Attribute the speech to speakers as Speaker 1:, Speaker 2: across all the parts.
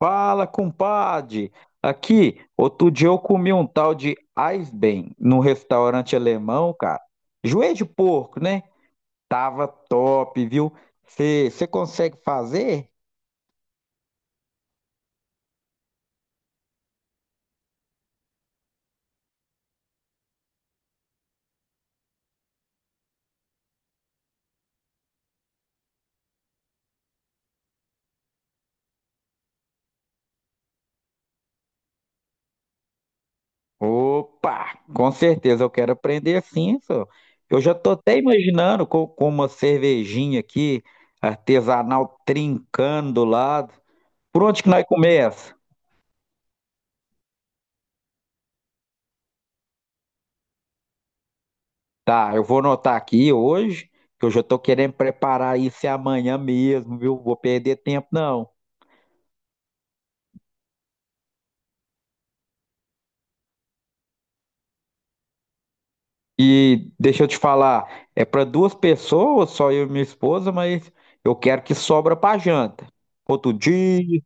Speaker 1: Fala, compadre! Aqui, outro dia eu comi um tal de Eisbein num restaurante alemão, cara. Joelho de porco, né? Tava top, viu? Você consegue fazer? Opa! Com certeza eu quero aprender sim, senhor. Eu já tô até imaginando com uma cervejinha aqui, artesanal, trincando do lado. Por onde que nós começa? Tá, eu vou anotar aqui hoje, que eu já tô querendo preparar isso é amanhã mesmo, viu? Vou perder tempo, não. E deixa eu te falar, é para duas pessoas, só eu e minha esposa, mas eu quero que sobra para janta. Outro dia,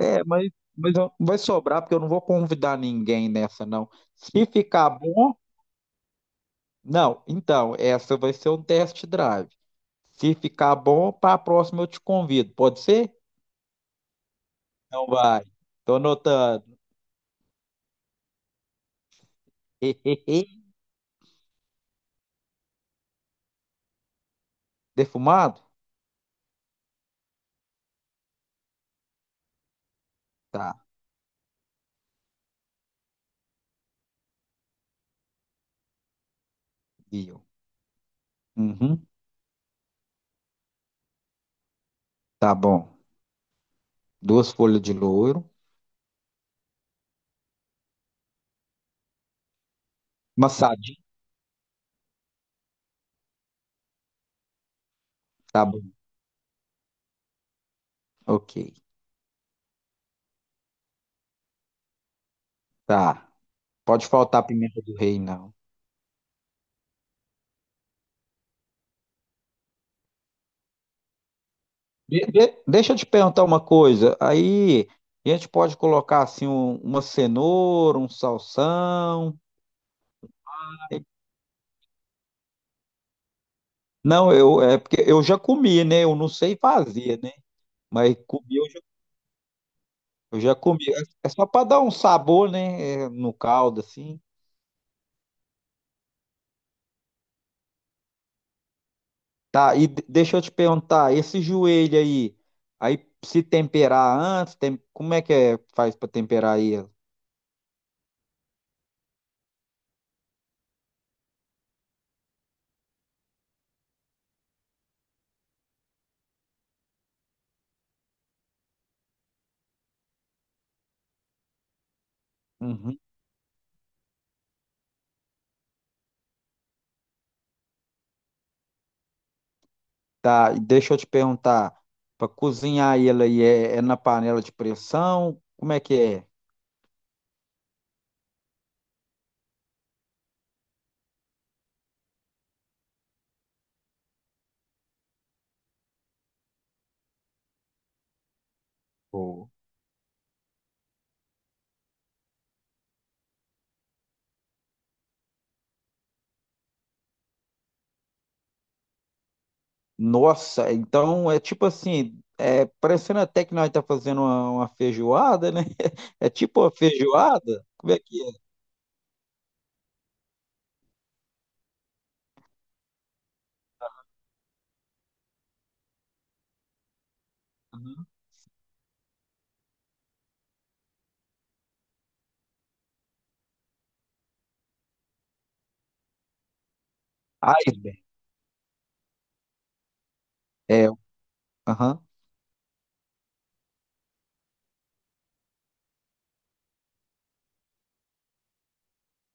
Speaker 1: é, mas, mas vai sobrar, porque eu não vou convidar ninguém nessa, não. Se ficar bom, não, então, essa vai ser um test drive. Se ficar bom, para a próxima eu te convido, pode ser? Não vai. Tô anotando. Defumado? Tá, viu. Uhum, tá bom. Duas folhas de louro. Massadinho? Tá bom. Ok, tá. Pode faltar pimenta do rei, não. Deixa eu te perguntar uma coisa. Aí a gente pode colocar assim uma cenoura, um salsão. Não, eu é porque eu já comi, né? Eu não sei fazer, né? Mas comi, eu já comi. É só para dar um sabor, né? É, no caldo assim. Tá, e deixa eu te perguntar, esse joelho aí, aí se temperar antes, tem- como é que é, faz para temperar ele? Uhum. Tá, e deixa eu te perguntar, para cozinhar ele aí é, na panela de pressão? Como é que é? Pô, nossa, então é tipo assim, é parecendo até que nós tá fazendo uma feijoada, né? É tipo uma feijoada? Como é que é? Uhum. Ai, bem. É, aham,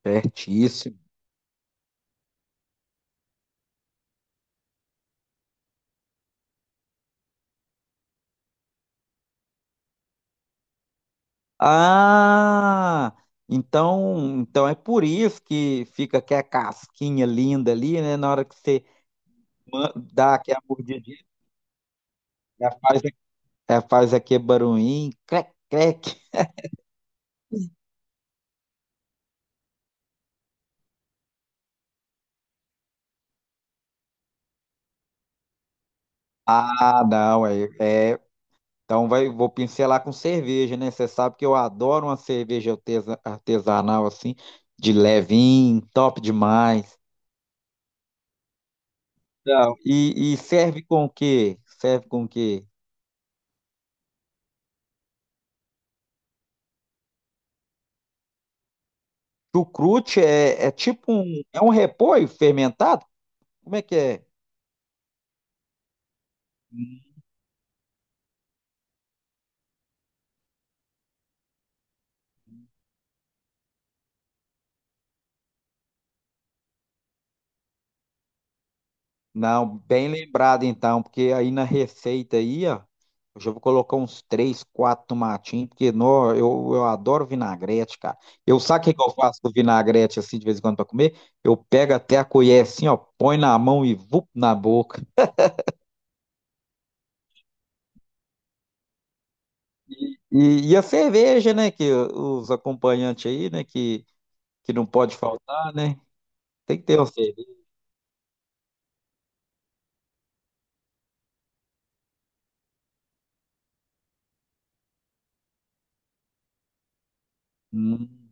Speaker 1: certíssimo. Ah, então é por isso que fica aquela casquinha linda ali, né? Na hora que você dá aquela mordidinha, já faz, já faz aquele barulhinho, crec, crec. Ah, não, então vai, vou pincelar com cerveja, né? Você sabe que eu adoro uma cerveja artesanal assim, de levinho, top demais. Então, e serve com o quê? Serve com o quê? Chucrute é tipo um, é um repolho fermentado? Como é que é? Não, bem lembrado então, porque aí na receita aí, ó, eu já vou colocar uns três, quatro tomatinhos, porque nó, eu adoro vinagrete, cara. Eu sabe o que que eu faço com vinagrete assim de vez em quando para comer? Eu pego até a colher assim, ó, põe na mão e vup na boca. E a cerveja, né, que os acompanhantes aí, né, que não pode faltar, né? Tem que ter uma cerveja. Hum,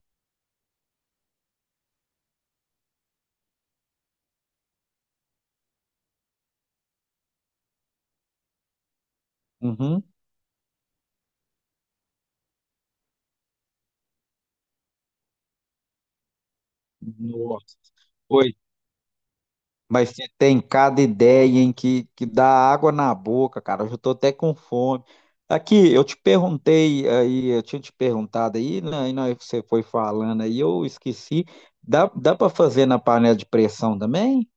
Speaker 1: Uhum. Nossa. Oi. Mas você tem cada ideia em que dá água na boca, cara. Eu já tô até com fome. Aqui, eu te perguntei aí, eu tinha te perguntado aí, né, e na hora que você foi falando aí, eu esqueci. Dá para fazer na panela de pressão também?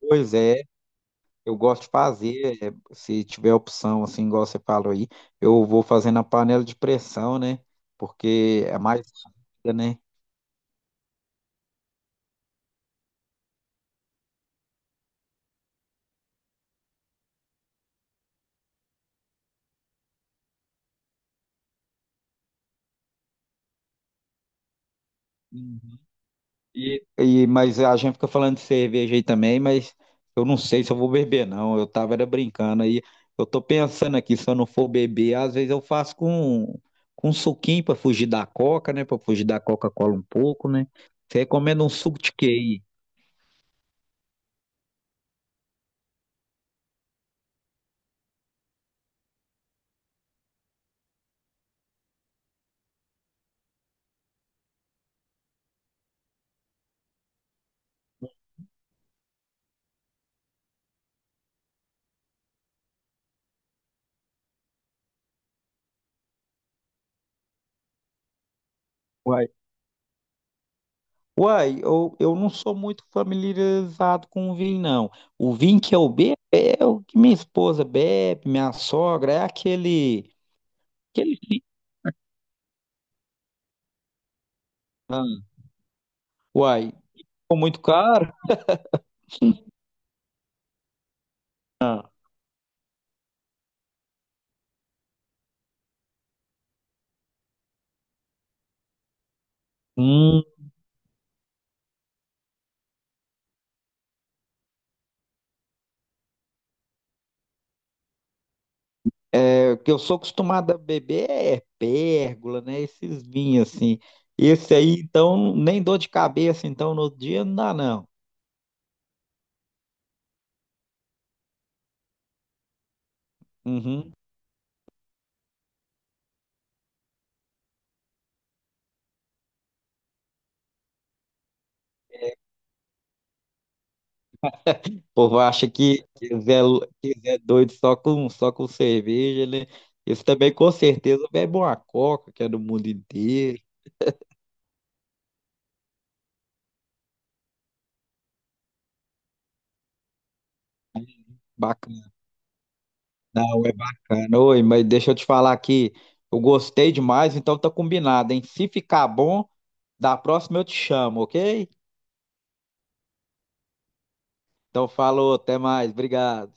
Speaker 1: Pois é, eu gosto de fazer. É, se tiver opção, assim, igual você falou aí, eu vou fazer na panela de pressão, né? Porque é mais rápida, né? Mas a gente fica falando de cerveja aí também, mas eu não sei se eu vou beber, não. Eu tava era brincando aí. Eu tô pensando aqui, se eu não for beber, às vezes eu faço com um suquinho pra fugir da Coca, né? Pra fugir da Coca-Cola um pouco, né? Você recomenda um suco de quê aí? Uai, uai, eu não sou muito familiarizado com o vinho, não. O vinho que eu bebo é o que minha esposa bebe, minha sogra, é aquele, aquele... Ah, uai, ficou muito caro? Hum. É, o que eu sou acostumado a beber é pérgola, né? Esses vinhos assim. Esse aí, então, nem dor de cabeça, então, no outro dia não dá, não. Uhum. O povo acha que quiser, quiser doido só com cerveja, né? Esse também, com certeza, bebe uma coca, que é do mundo inteiro. Bacana, não, é bacana. Oi, mas deixa eu te falar aqui. Eu gostei demais, então tá combinado, hein? Se ficar bom, da próxima eu te chamo, ok? Então, falou, até mais, obrigado.